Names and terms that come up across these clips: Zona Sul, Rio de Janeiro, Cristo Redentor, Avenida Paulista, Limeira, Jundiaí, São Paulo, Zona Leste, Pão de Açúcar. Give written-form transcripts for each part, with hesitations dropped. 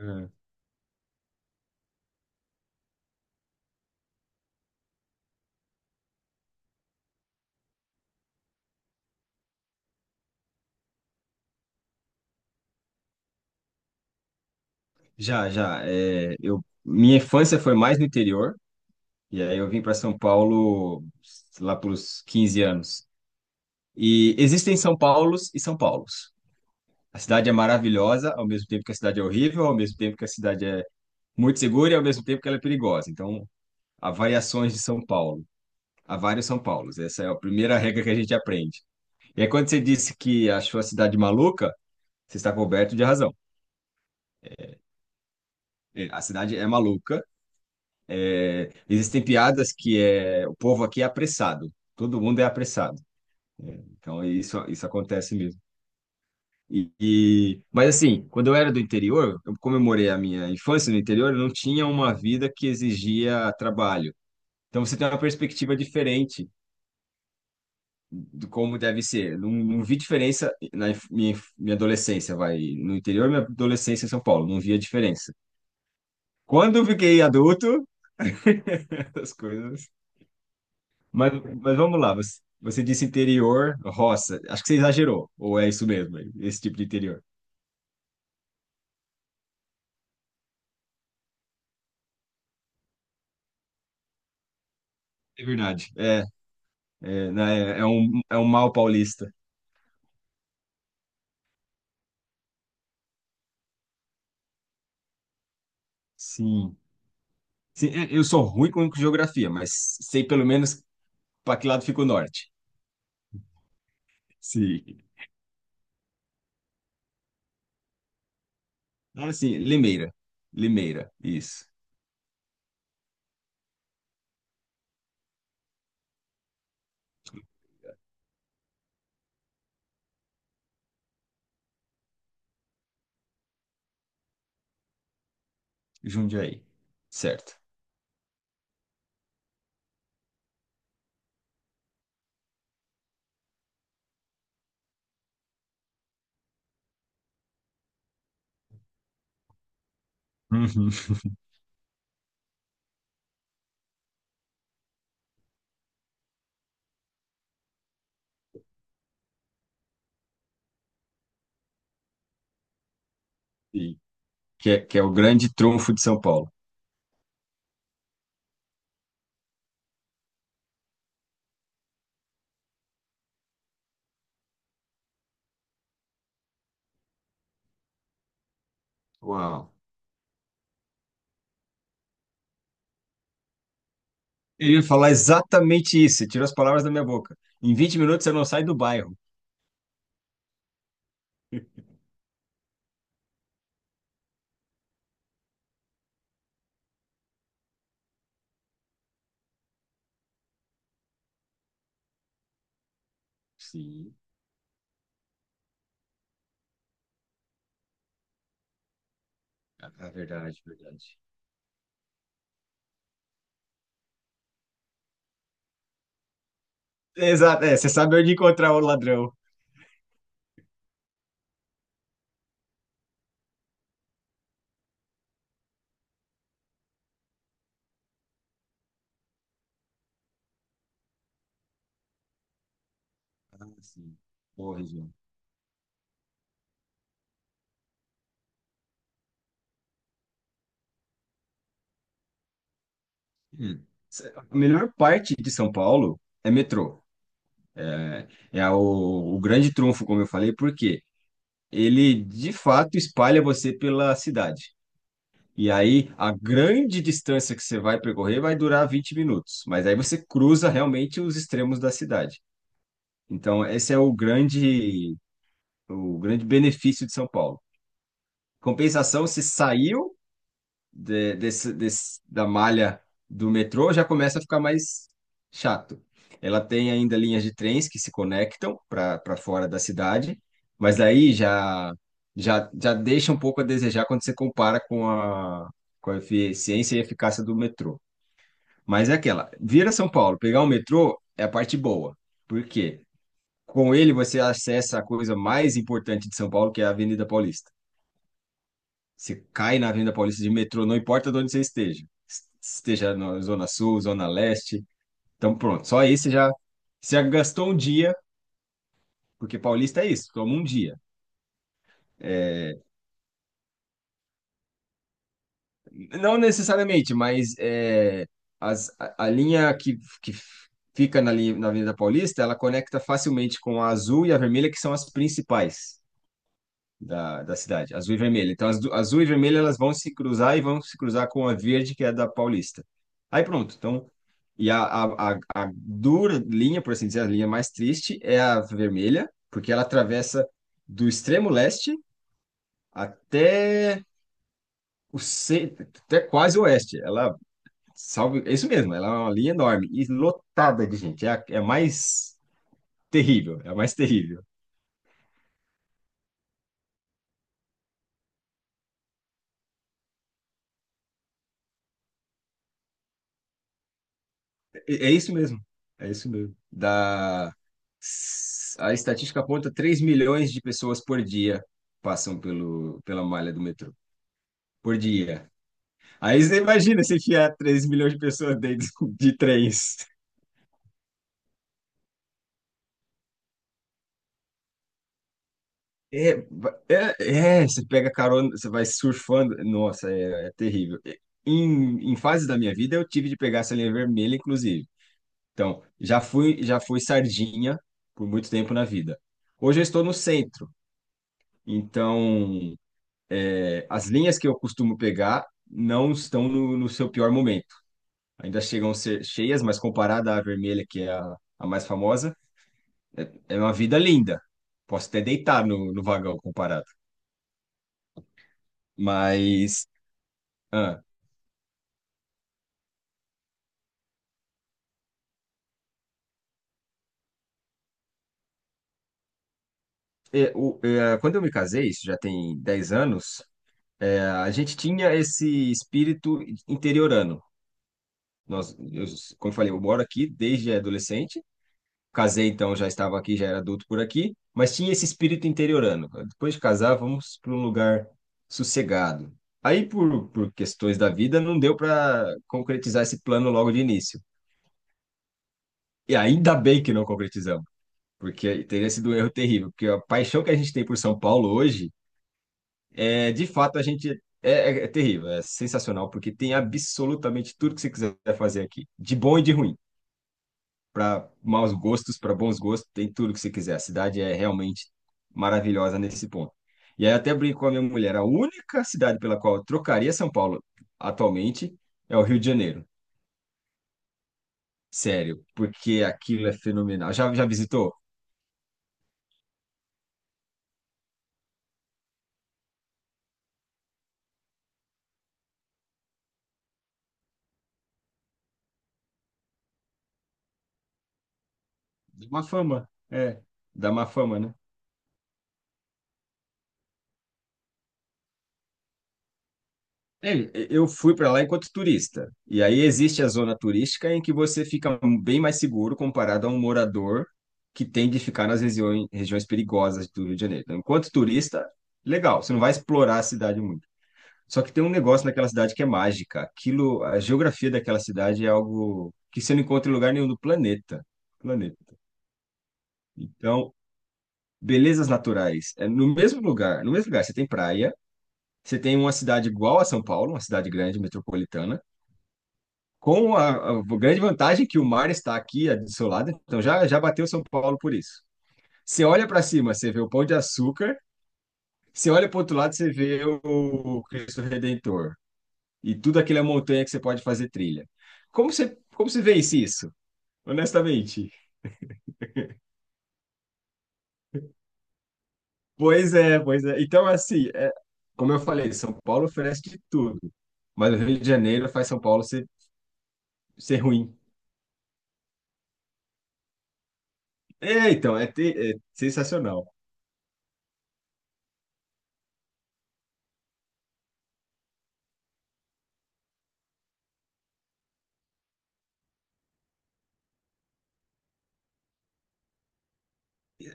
Hum. Já, já. Minha infância foi mais no interior, e aí eu vim para São Paulo lá pelos 15 anos. E existem São Paulos e São Paulos. A cidade é maravilhosa, ao mesmo tempo que a cidade é horrível, ao mesmo tempo que a cidade é muito segura e ao mesmo tempo que ela é perigosa. Então, há variações de São Paulo. Há vários São Paulos. Essa é a primeira regra que a gente aprende. E aí, quando você disse que achou a cidade maluca, você está coberto de razão. É, a cidade é maluca. Existem piadas que o povo aqui é apressado, todo mundo é apressado. Então isso acontece mesmo. Mas assim, quando eu era do interior, eu comemorei a minha infância no interior, eu não tinha uma vida que exigia trabalho. Então você tem uma perspectiva diferente de como deve ser. Não, não vi diferença na minha adolescência, vai, no interior, minha adolescência em São Paulo, não via diferença. Quando eu fiquei adulto, as coisas... Mas, mas vamos lá, você disse interior, roça. Acho que você exagerou, ou é isso mesmo, esse tipo de interior. É verdade. Né, é um mal paulista. Sim. Sim, é, eu sou ruim com geografia, mas sei pelo menos para que lado fica o norte. Sim. Ah, sim, Limeira. Limeira, isso. Jundiaí. Certo. Uhum. Sim. Que é o grande trunfo de São Paulo. Uau. Eu ia falar exatamente isso, você tirou as palavras da minha boca. Em 20 minutos você não sai do bairro. Sim, ah, tá, verdade, verdade. Exato, é, você sabe onde encontrar o ladrão. Ah, sim. Boa região. Hum. A melhor parte de São Paulo é metrô. É o grande trunfo, como eu falei, porque ele de fato espalha você pela cidade. E aí a grande distância que você vai percorrer vai durar 20 minutos, mas aí você cruza realmente os extremos da cidade. Então, esse é o grande benefício de São Paulo. Compensação, se saiu da malha do metrô, já começa a ficar mais chato. Ela tem ainda linhas de trens que se conectam para fora da cidade, mas aí já deixa um pouco a desejar quando você compara com a eficiência e eficácia do metrô. Mas é aquela, vir a São Paulo, pegar o metrô é a parte boa. Por quê? Com ele você acessa a coisa mais importante de São Paulo, que é a Avenida Paulista. Você cai na Avenida Paulista de metrô, não importa de onde você esteja. Esteja na Zona Sul, Zona Leste. Então, pronto. Só aí você já gastou um dia, porque Paulista é isso, toma um dia. É, não necessariamente, mas é, a linha que fica na, linha, na Avenida Paulista, ela conecta facilmente com a azul e a vermelha, que são as principais da cidade, azul e vermelha. Então, azul e vermelha, elas vão se cruzar e vão se cruzar com a verde, que é da Paulista. Aí pronto. Então, e a dura linha, por assim dizer, a linha mais triste é a vermelha, porque ela atravessa do extremo leste até o ce- até quase o oeste. Ela, salve, é isso mesmo, ela é uma linha enorme e lotada de gente. É a mais terrível, é a mais terrível. É isso mesmo. É isso mesmo. Da... A estatística aponta 3 milhões de pessoas por dia passam pela malha do metrô. Por dia. Aí você imagina se enfiar 3 milhões de pessoas dentro de trens. É, é, você pega carona, você vai surfando. Nossa, é terrível. Em fases da minha vida, eu tive de pegar essa linha vermelha, inclusive. Então, já fui sardinha por muito tempo na vida. Hoje eu estou no centro. Então, as linhas que eu costumo pegar não estão no seu pior momento. Ainda chegam a ser cheias, mas comparada à vermelha, que é a mais famosa, é uma vida linda. Posso até deitar no vagão comparado. Mas, ah, quando eu me casei, isso já tem 10 anos, é, a gente tinha esse espírito interiorano. Nós, eu, como eu falei, eu moro aqui desde adolescente. Casei, então já estava aqui, já era adulto por aqui, mas tinha esse espírito interiorano. Depois de casar, vamos para um lugar sossegado. Aí, por questões da vida, não deu para concretizar esse plano logo de início. E ainda bem que não concretizamos, porque teria sido um erro terrível, porque a paixão que a gente tem por São Paulo hoje, é, de fato, a gente é, é é terrível, é sensacional, porque tem absolutamente tudo que você quiser fazer aqui, de bom e de ruim. Para maus gostos, para bons gostos, tem tudo que você quiser. A cidade é realmente maravilhosa nesse ponto. E aí eu até brinco com a minha mulher, a única cidade pela qual eu trocaria São Paulo atualmente é o Rio de Janeiro. Sério, porque aquilo é fenomenal. Já, já visitou? Dá uma fama, dá uma fama, né? É, eu fui para lá enquanto turista. E aí existe a zona turística em que você fica bem mais seguro comparado a um morador que tem de ficar nas regiões perigosas do Rio de Janeiro. Então, enquanto turista, legal, você não vai explorar a cidade muito. Só que tem um negócio naquela cidade que é mágica. Aquilo, a geografia daquela cidade é algo que você não encontra em lugar nenhum do planeta. Planeta. Então, belezas naturais. É no mesmo lugar, no mesmo lugar, você tem praia, você tem uma cidade igual a São Paulo, uma cidade grande, metropolitana com a, a grande vantagem que o mar está aqui do seu lado, então já bateu São Paulo por isso. Você olha para cima, você vê o Pão de Açúcar, você olha para o outro lado, você vê o Cristo Redentor e tudo aquilo é montanha que você pode fazer trilha. Como você vence isso, honestamente? Pois é, pois é. Então, assim, é, como eu falei, São Paulo oferece de tudo, mas o Rio de Janeiro faz São Paulo ser ruim. É sensacional.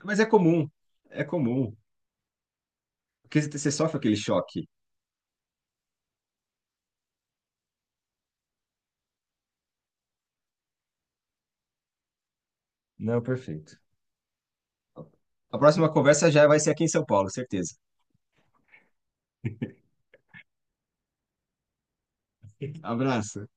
Mas é comum, é comum. Porque você sofre aquele choque. Não, perfeito. A próxima conversa já vai ser aqui em São Paulo, certeza. Abraço.